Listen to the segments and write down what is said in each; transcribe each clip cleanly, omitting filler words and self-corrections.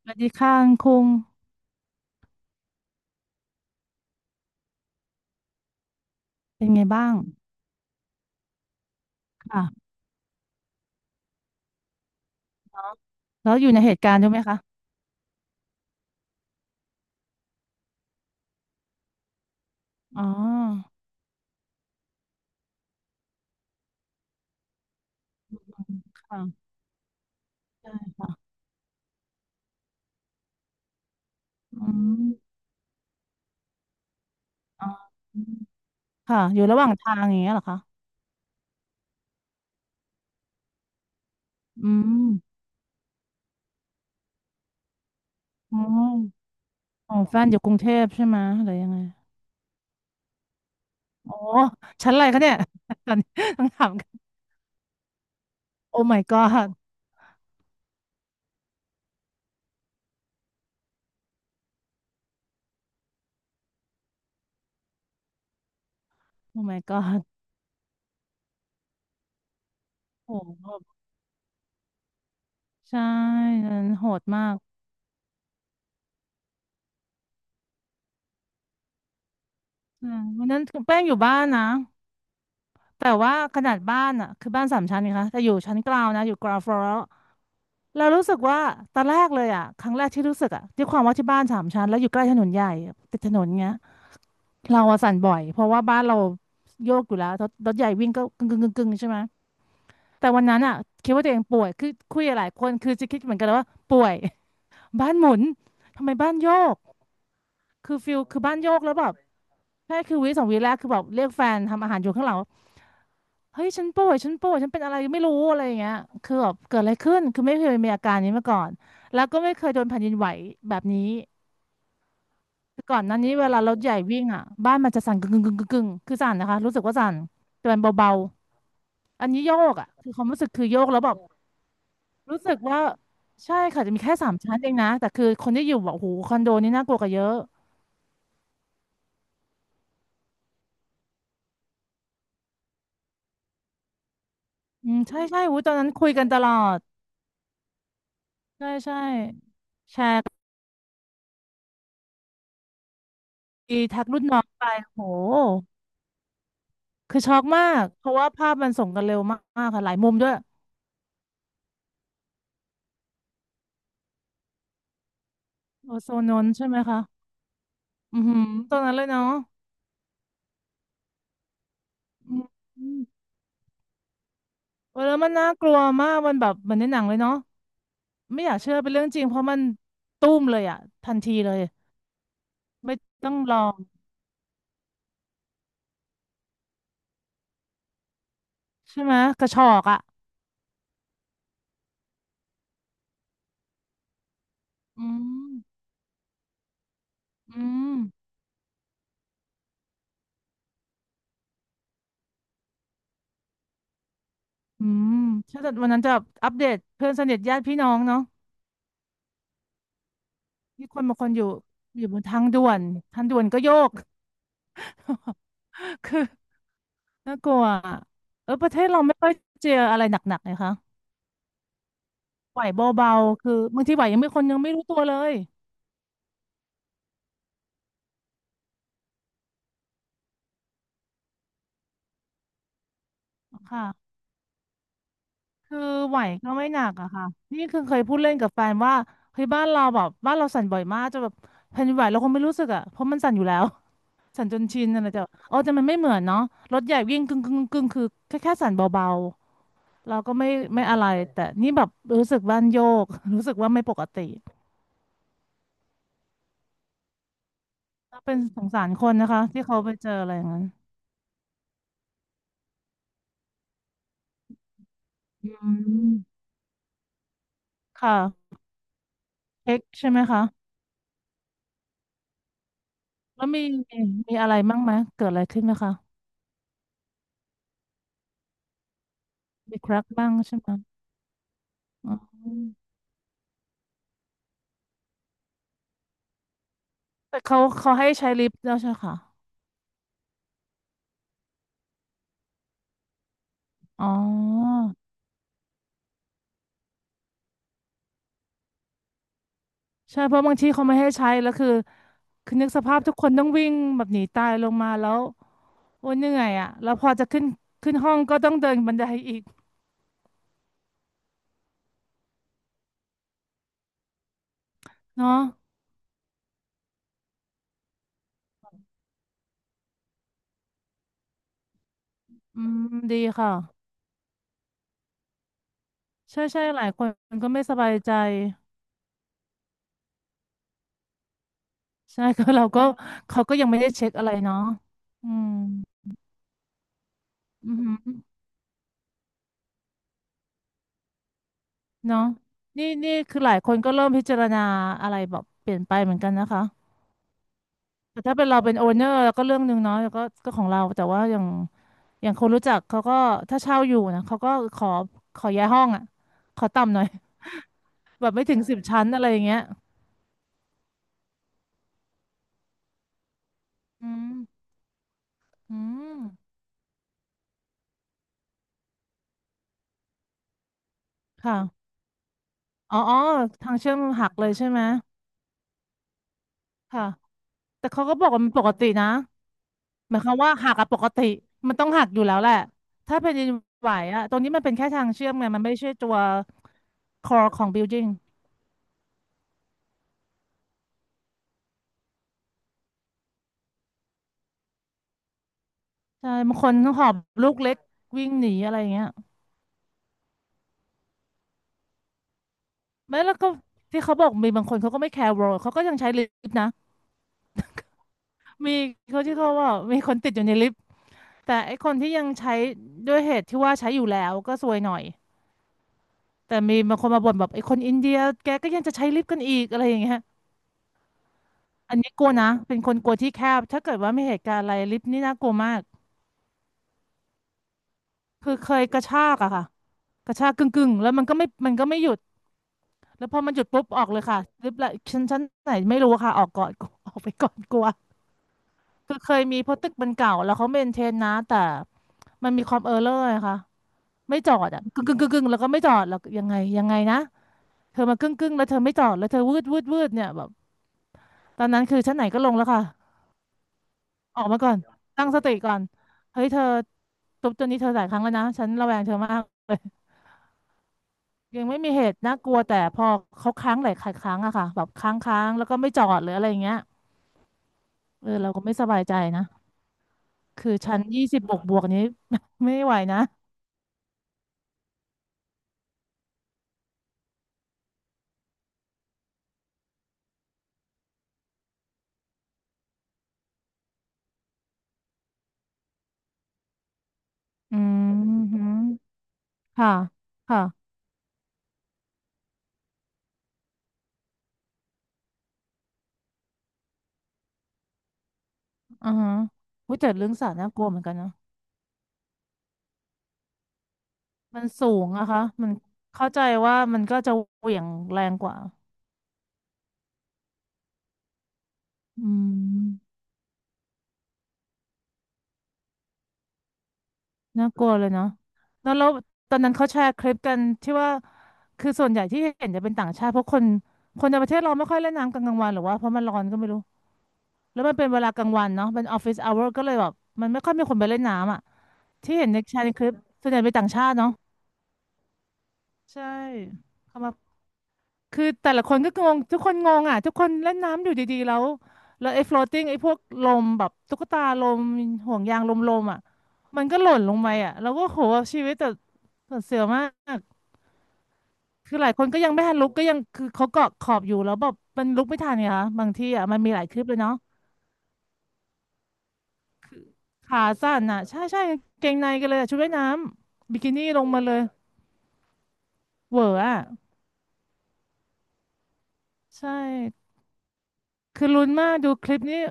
สวัสดีค่ะคุณคุงเป็นไงบ้างค่ะแล้วอยู่ในเหตุการณ์ด้วยไหมคะอ๋อค่ะใช่ค่ะอืมอ๋อค่ะอยู่ระหว่างทางอย่างเงี้ยเหรอคะอืมอ๋อของแฟนอยู่กรุงเทพใช่ไหมหรือยังไงโอ้ชั้นอะไรคะเนี่ย ตอนนี้ต้องถามกันโอ้ my god โอ้ my god โอ้โหใช่นั้นโหดมากอืมวันนั้นแป้งอยู่บ้านนะแต่ว่าขนาดบ้านอ่ะคือบ้านสามชั้นนะคะแต่อยู่ชั้นกลางนะอยู่กราวฟลอร์ เรารู้สึกว่าตอนแรกเลยอ่ะครั้งแรกที่รู้สึกอ่ะด้วยความว่าที่บ้านสามชั้นแล้วอยู่ใกล้ถนนใหญ่ติดถนนเงี้ยเราอะสั่นบ่อยเพราะว่าบ้านเราโยกอยู่แล้วรถใหญ่วิ่งก็กึ่งกึ่งกึ่งกึ่งใช่ไหมแต่วันนั้นอ่ะคิดว่าตัวเองป่วยคือคุยกับหลายคนคือจะคิดเหมือนกันเลยว่าป่วย บ้านหมุนทำไมบ้านโยกคือฟิลคือบ้านโยกแล้วแบบแค่คือวิสองวิแรกคือแบบเรียกแฟนทำอาหารอยู่ข้างหลัง เฮ้ยฉันป่วยฉันป่วยฉันเป็นอะไรไม่รู้อะไรอย่างเงี้ยคือแบบเกิดอะไรขึ้นคือไม่เคยมีอาการนี้มาก่อนแล้วก็ไม่เคยโดนแผ่นดินไหวแบบนี้คือก่อนหน้านี้เวลารถใหญ่วิ่งอ่ะบ้านมันจะสั่นกึ่งกึ่งกึ่งกึ่งกึ่งคือสั่นนะคะรู้สึกว่าสั่นแต่มันเบาๆอันนี้โยกอ่ะคือความรู้สึกคือโยกแล้วแบบรู้สึกว่าใช่ค่ะจะมีแค่สามชั้นเองนะแต่คือคนที่อยู่บบโหคอนโดนี่น่ากลัวกว่าเยอะอืมใช่ใช่หูตอนนั้นคุยกันตลอดใช่ใช่แชร์ทักรุ่นน้องไปโห คือช็อกมากเพราะว่าภาพมันส่งกันเร็วมากๆค่ะหลายมุมด้วยโอโซนนนท์ใช่ไหมคะอือหือตรงนั้นเลยเนาะอืมเออแล้วมันน่ากลัวมากมันแบบเหมือนในหนังเลยเนาะไม่อยากเชื่อเป็นเรื่องจริงเพราะมันตุ้มเลยอะทันทีเลยไม่ต้องรอใช่ไหมกระชอกอะอืมอืมอืมใช่แต่วันนั้นจะอัปเดตเพื่อนสนิทญาติพี่น้องเนาะมีคนบางคนอยู่อยู่บนทางด่วนทางด่วนก็โยก คือ น่ากลัวอะเออประเทศเราไม่ค่อยเจออะไรหนักๆเลยค่ะไหวเบาๆคือบางทีไหวยังไม่คนยังไม่รู้ตัวเลยค่ะคือไหวก็ไม่หนักอะค่ะนี่คือเคยพูดเล่นกับแฟนว่าเฮ้ยบ้านเราแบบบ้านเราสั่นบ่อยมากจะแบบแผ่นดินไหวเราคงไม่รู้สึกอะเพราะมันสั่นอยู่แล้ว สั่นจนชินอะไรแต่เออแต่มันไม่เหมือนเนาะรถใหญ่วิ่งกึ่งกึ่งกึ่งคือแค่สั่นเบาๆเราก็ไม่ไม่อะไรแต่นี่แบบรู้สึกบ้านโยก รู้สึกว่าไม่ปกติเป็นสงสารคนนะคะที่เขาไปเจออะไรอย่างนั้นอืม ค่ะเอ็กใช่ไหมคะแล้วมีมีอะไรบ้างไหมเกิดอะไรขึ้นไหมคะมีครักบ้างใช่ไหมอ๋อแต่เขาให้ใช้ลิฟต์แล้วใช่ค่ะอ๋อใช่เพราะบางทีเขาไม่ให้ใช้แล้วคือคือนึกสภาพทุกคนต้องวิ่งแบบหนีตายลงมาแล้วโอ้ยเหนื่อยอ่ะแล้วพอจะขึ้นขึ้นห้องก็ต้องเดินบันไดอีกเนาะอืมดีค่ะใช่ใช่หลายคนก็ไม่สบายใจใช่ ก็เราก็เขาก็ยังไม่ได้เช็คอะไรเนาะอืมอือหือ เนาะนี่คือหลายคนก็เริ่มพิจารณาอะไรแบบเปลี่ยนไปเหมือนกันนะคะแต่ถ้าเป็นเราเป็นโอเนอร์ก็เรื่องหนึ่งเนาะแล้วก็ก็ของเราแต่ว่าอย่างคนรู้จักเขาก็ถ้าเช่าอยู่นะเขาก็ขอขอย้ายห้องอ่ะขอต่ำหน่อย แบบไม่ถึงสิบชั้นอะไรอย่างเงี้ยอืมอืมค่ะอ๋อทางเชื่อมหักเลยใช่ไหมค่ะแต่เขาก็บอกว่ามันปกตินะ หมายความว่าหักอะปกติมันต้องหักอยู่แล้วแหละถ้าแผ่นดินไหวอะตรงนี้มันเป็นแค่ทางเชื่อมไงมันไม่ใช่ตัว core ของ building ใช่บางคนต้องหอบลูกเล็กวิ่งหนีอะไรอย่างเงี้ยไม่แล้วก็ที่เขาบอกมีบางคนเขาก็ไม่แคร์ world เขาก็ยังใช้ลิฟต์นะมีเขาที่เขาว่ามีคนติดอยู่ในลิฟต์แต่ไอ้คนที่ยังใช้ด้วยเหตุที่ว่าใช้อยู่แล้วก็ซวยหน่อยแต่มีบางคนมาบ่นแบบไอ้คนอินเดียแกก็ยังจะใช้ลิฟต์กันอีกอะไรอย่างเงี้ย อันนี้กลัวนะเป็นคนกลัวที่แคบถ้าเกิดว่ามีเหตุการณ์อะไรลิฟต์นี่น่ากลัวมากคือเคยกระชากอะค่ะกระชากกึ่งกึ่งแล้วมันก็ไม่หยุดแล้วพอมันหยุดปุ๊บออกเลยค่ะลิฟต์ละชั้นไหนไม่รู้ค่ะออกก่อน ออกไปก่อนกลัวคือเคยมีเพราะตึกมันเก่าแล้วเขาเมนเทนนะแต่มันมีความเออร์เลอร์ค่ะไม่จอดอะกึ่งกึ่งกึ่งกึ่งแล้วก็ไม่จอดแล้วยังไงยังไงนะเธอมากึ่งกึ่งแล้วเธอไม่จอดแล้วเธอวืดวืดวืดเนี่ยแบบตอนนั้นคือชั้นไหนก็ลงแล้วค่ะ ออกมาก่อนตั้งสติก่อนเฮ้ยเธอทุบตัวนี้เธอหลายครั้งแล้วนะฉันระแวงเธอมากเลยยังไม่มีเหตุน่ากลัวแต่พอเขาค้างหลายครั้งอะค่ะแบบค้างค้างแล้วก็ไม่จอดหรืออะไรอย่างเงี้ยเออเราก็ไม่สบายใจนะคือชั้นยี่สิบบวกบวกนี้ ไม่ไหวนะอืมฮึค่ะค่ะอือฮะวิจัดเรื่องสัตว์น่ากลัวเหมือนกันนะมันสูงอะคะมันเข้าใจว่ามันก็จะเหวี่ยงแรงกว่าอืม น่ากลัวเลยเนาะแล้วตอนนั้นเขาแชร์คลิปกันที่ว่าคือส่วนใหญ่ที่เห็นจะเป็นต่างชาติ เพราะคนในประเทศเราไม่ค่อยเล่นน้ำกลางวันหรอว่าเพราะมันร้อนก็ไม่รู้แล้วมันเป็นเวลากลางวันเนาะเป็นออฟฟิศอเวอร์ก็เลยแบบมันไม่ค่อยมีคนไปเล่นน้ำอ่ะที่เห็นในแชร์ในคลิปส่วนใหญ่เป็นต่างชาติเนาะใช่เขามาคือแต่ละคนก็งง ทุกคนงงอ่ะทุกคนเล่นน้ำอยู่ดีๆแล้วแล้วไอ้ floating ไอ้พวกลมแบบตุ๊กตาลมห่วงยางลมๆอ่ะมันก็หล่นลงไปอ่ะเราก็โหชีวิตแต่เสียวมาก คือหลายคนก็ยังไม่ทันลุกก็ยังคือเขาเกาะขอบอยู่แล้วแบบมันลุกไม่ทันไงคะบางที่อ่ะมันมีหลายคลิปเลยเนาะขาสั้นอ่ะใช่ใช่กางเกงในกันเลยอะชุดว่ายน้ำบิกินี่ลงมาเลยเหวออ่ะใช่คือลุ้นมากดูคลิปนี้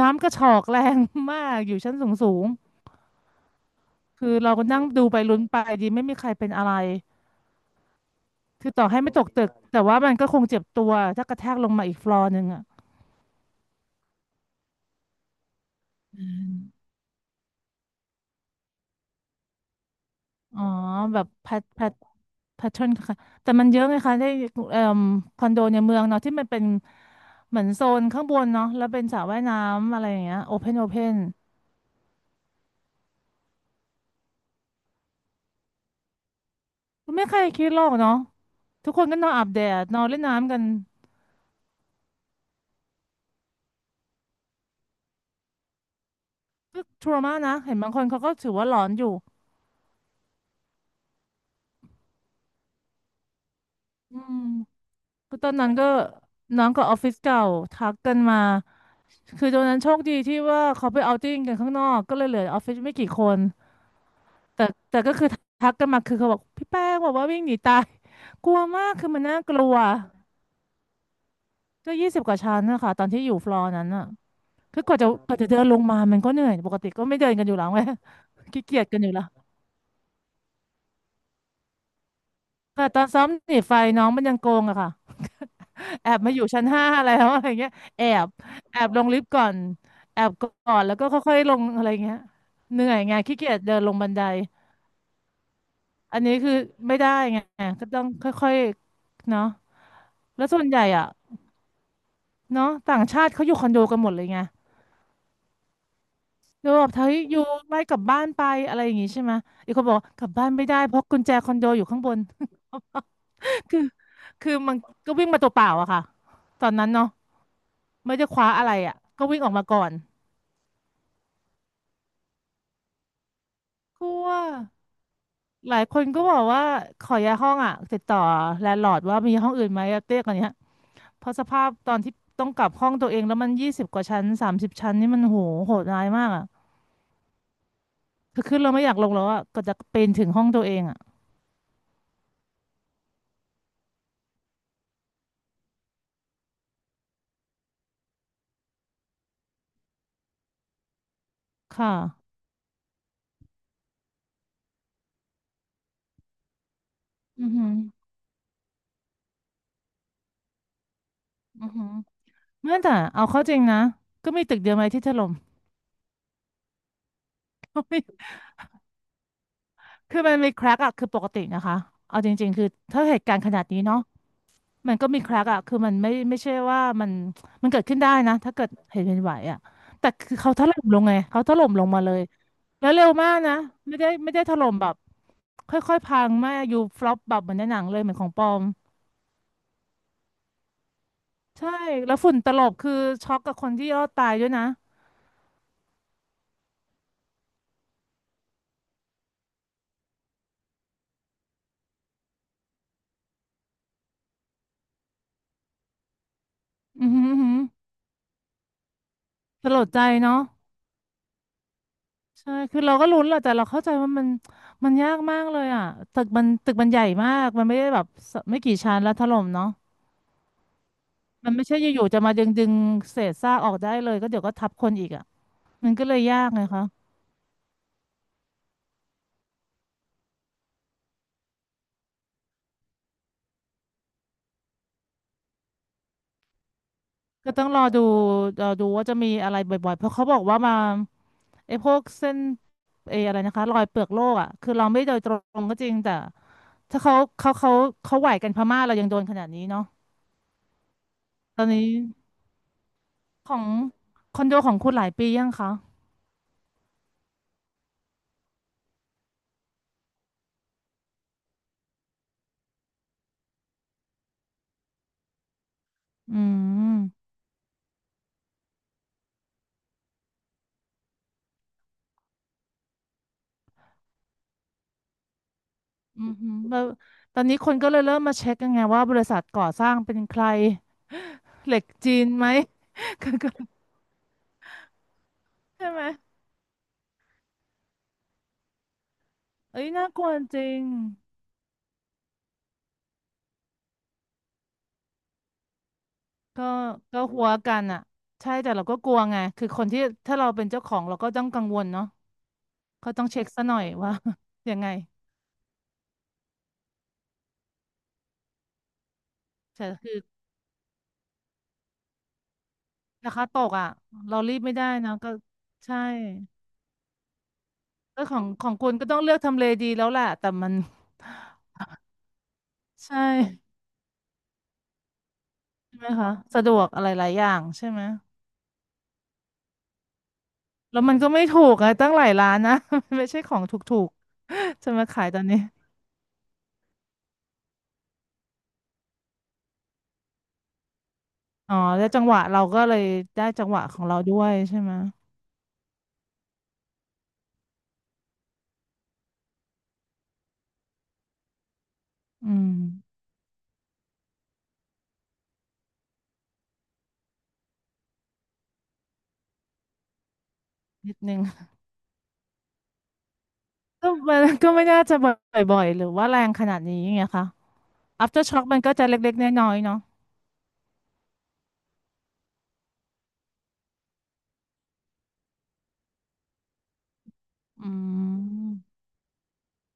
น้ำกระฉอกแรงมากอยู่ชั้นสูงสูงคือเราก็นั่งดูไปลุ้นไปดีไม่มีใครเป็นอะไรคือต่อให้ไม่ตกตึกแต่ว่ามันก็คงเจ็บตัวถ้ากระแทกลงมาอีกฟลอร์หนึ่งอ่ะอ๋อแบบแพทเทิร์นค่ะแต่มันเยอะไงคะได้เอ่อคอนโดในเมืองเนาะที่มันเป็นเหมือนโซนข้างบนเนาะแล้วเป็นสระว่ายน้ำอะไรอย่างเงี้ยโอเพนโอเพนไม่ใครคิดหรอกเนาะทุกคนก็นอนอาบแดดนอนเล่นน้ำกันก็ทรมานนะเห็นบางคนเขาก็ถือว่าหลอนอยู่อืมคือตอนนั้นก็น้องกับออฟฟิศเก่าทักกันมาคือตอนนั้นโชคดีที่ว่าเขาไปเอาท์ติ้งกันข้างนอกก็เลยเหลือออฟฟิศไม่กี่คนแต่ก็คือทักกันมาคือเขาบอกพี่แป้งบอกว่าวิ่งหนีตายกลัวมากคือมันน่ากลัว ก็ยี่สิบกว่าชั้นนะคะตอนที่อยู่ฟลอร์นั้นอ่ะคือกว่าจะเดินลงมามันก็เหนื่อยปกติก็ไม่เดินกันอยู่แล้วไง ขี้เกียจกันอยู่แล้วแต่ตอนซ้อมหนีไฟน้องมันยังโกงอะค่ะแอบมาอยู่ชั้น5แล้วอะไรเงี้ยแอบแอบลงลิฟต์ก่อนแอบก่อนแล้วก็ค่อยๆลงอะไรเงี้ยเหนื่อยไงขี้เกียจเดินลงบันไดอันนี้คือไม่ได้ไงก็ต้องค่อยๆเนาะแล้วส่วนใหญ่อะเนาะต่างชาติเขาอยู่คอนโดกันหมดเลยไง เดี๋ยวแบบเฮ้ยอยู่ไล่กลับบ้านไปอะไรอย่างงี้ใช่ไหม อีกคนบอกว่ากลับบ้านไม่ได้เพราะกุญแจคอนโดอยู่ข้างบน คือคือมันก็วิ่งมาตัวเปล่าอะค่ะตอนนั้นเนาะไม่ได้คว้าอะไรอะก็วิ่งออกมาก่อนกลัวหลายคนก็บอกว่าขอย้ายห้องอะติดต่อแลนด์ลอร์ดว่ามีห้องอื่นไหมอะเตี้ยกว่านี้เพราะสภาพตอนที่ต้องกลับห้องตัวเองแล้วมันยี่สิบกว่าชั้น30ชั้นนี่มันโหโหดร้ายมากอะคือขึ้นเราไม่อยากลงแล้วอะก็จะปีนถึงห้องตัวเองอะค่ะอือหืออือหือ เมื่อแต่เอาเข้าจริงนะก็มีตึกเดียวไหมที่ถล่ม คือมันมีแครกอะคือปกตินะคะเอาจริงๆคือถ้าเหตุการณ์ขนาดนี้เนาะมันก็มีแครกอะคือมันไม่ใช่ว่ามันเกิดขึ้นได้นะถ้าเกิดเหตุเป็นไหวอะแต่คือเขาถล่มลงไงเขาถล่มลงมาเลยแล้วเร็วมากนะไม่ได้ถล่มแบบค่อยๆพังไม่อยู่ฟลอปแบบเหมือนในหนังเลยเหมือนของปลอมใช่แล้วฝุ่นตลบคือช็อกกับคนที่รอดตายด้วยนะอือหืออื้อหือสลดใจเนาะ ใช่คือเราก็ลุ้นแหละแต่เราเข้าใจว่ามันมันยากมากเลยอ่ะตึกมันใหญ่มากมันไม่ได้แบบสไม่กี่ชั้นแล้วถล่มเนาะมันไม่ใช่อยู่ๆจะมาดึงเศษซากออกได้เลยก็เดี๋ยวก็ทับคนอีกอ่ะมันก็เลยยากไงคะก็ต้องรอดูรอดูว่าจะมีอะไรบ่อยๆเพราะเขาบอกว่ามาไอ้พวกเส้นอะไรนะคะรอยเปลือกโลกอ่ะคือเราไม่โดยตรงก็จริง แต่ถ้าเขาไหวกันพม่าเรายังโดนขนาดนี้เนาะตอนนี้ของคอนโดของคุณหลายปียังคะอืม อือหือมตอนนี้คนก็เลยเริ่มมาเช็คกันไงว่าบริษัทก่อสร้างเป็นใครเหล็กจีนไหม ใช่ไหมเอ้ยน่ากลัวจริงก็หัวกันอ่ะใช่แต่เราก็กลัวไงคือคนที่ถ้าเราเป็นเจ้าของเราก็ต้องกังวลเนาะก็ต้องเช็คซะหน่อย ว่า ยังไงแต่คือราคาตกอ่ะเรารีบไม่ได้นะก็ใช่ก็ของคุณก็ต้องเลือกทำเลดีแล้วแหละแต่มัน ใช่ใช่ไหมคะสะดวกอะไรหลายอย่างใช่ไหม แล้วมันก็ไม่ถูกอะตั้งหลายร้านนะ มันไม่ใช่ของถูกๆจะมาขายตอนนี้อ๋อแล้วจังหวะเราก็เลยได้จังหวะของเราด้วยใช่ไหมอืมนิดนึง ก็มันก็ไม่น่าจะบ่อยๆหรือว่าแรงขนาดนี้ไงคะ after shock มันก็จะเล็กๆน้อยๆเนาะอืม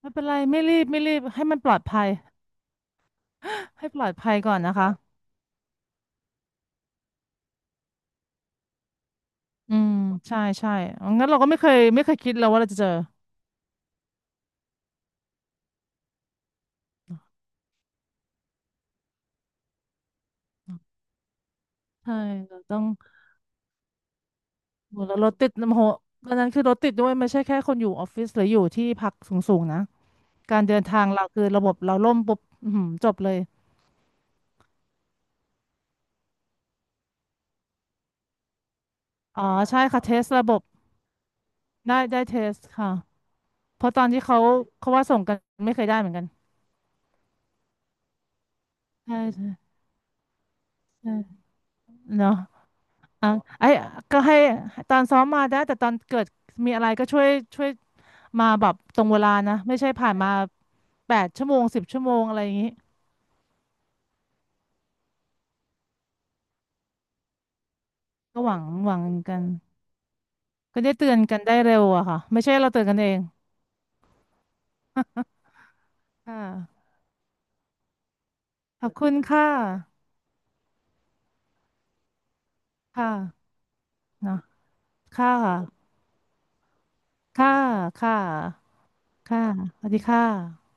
ไม่เป็นไรไม่รีบให้มันปลอดภัย ให้ปลอดภัยก่อนนะคะอืมใช่ใช่งั้นเราก็ไม่เคยคิดเลยวว่าเราจะเจอใช่เราต้อง โหแล้วรถติดโหตอนนั้นคือรถติดด้วยไม่ใช่แค่คนอยู่ออฟฟิศหรืออยู่ที่พักสูงๆนะ การเดินทางเราคือระบบเราล่มปุ๊บอื้อหือจบเลย อ๋อใช่ค่ะเทสระบบได้ได้เทสค่ะ เพราะตอนที่เขาว่าส่งกันไม่เคยได้เหมือนกันใช่ใช่ใช่เนาะอ่ะไอ้ก็ให้ตอนซ้อมมาได้แต่ตอนเกิดมีอะไรก็ช่วยมาแบบตรงเวลานะไม่ใช่ผ่านมา8 ชั่วโมง10 ชั่วโมงอะไรอย่างนี้ก็หวังกันก็ได้เตือนกันได้เร็วอะค่ะไม่ใช่เราเตือนกันเอง ค่ะขอบคุณค่ะค่ะเนาะค่ะค่ะค่ะค่ะสวัสดีค่ะ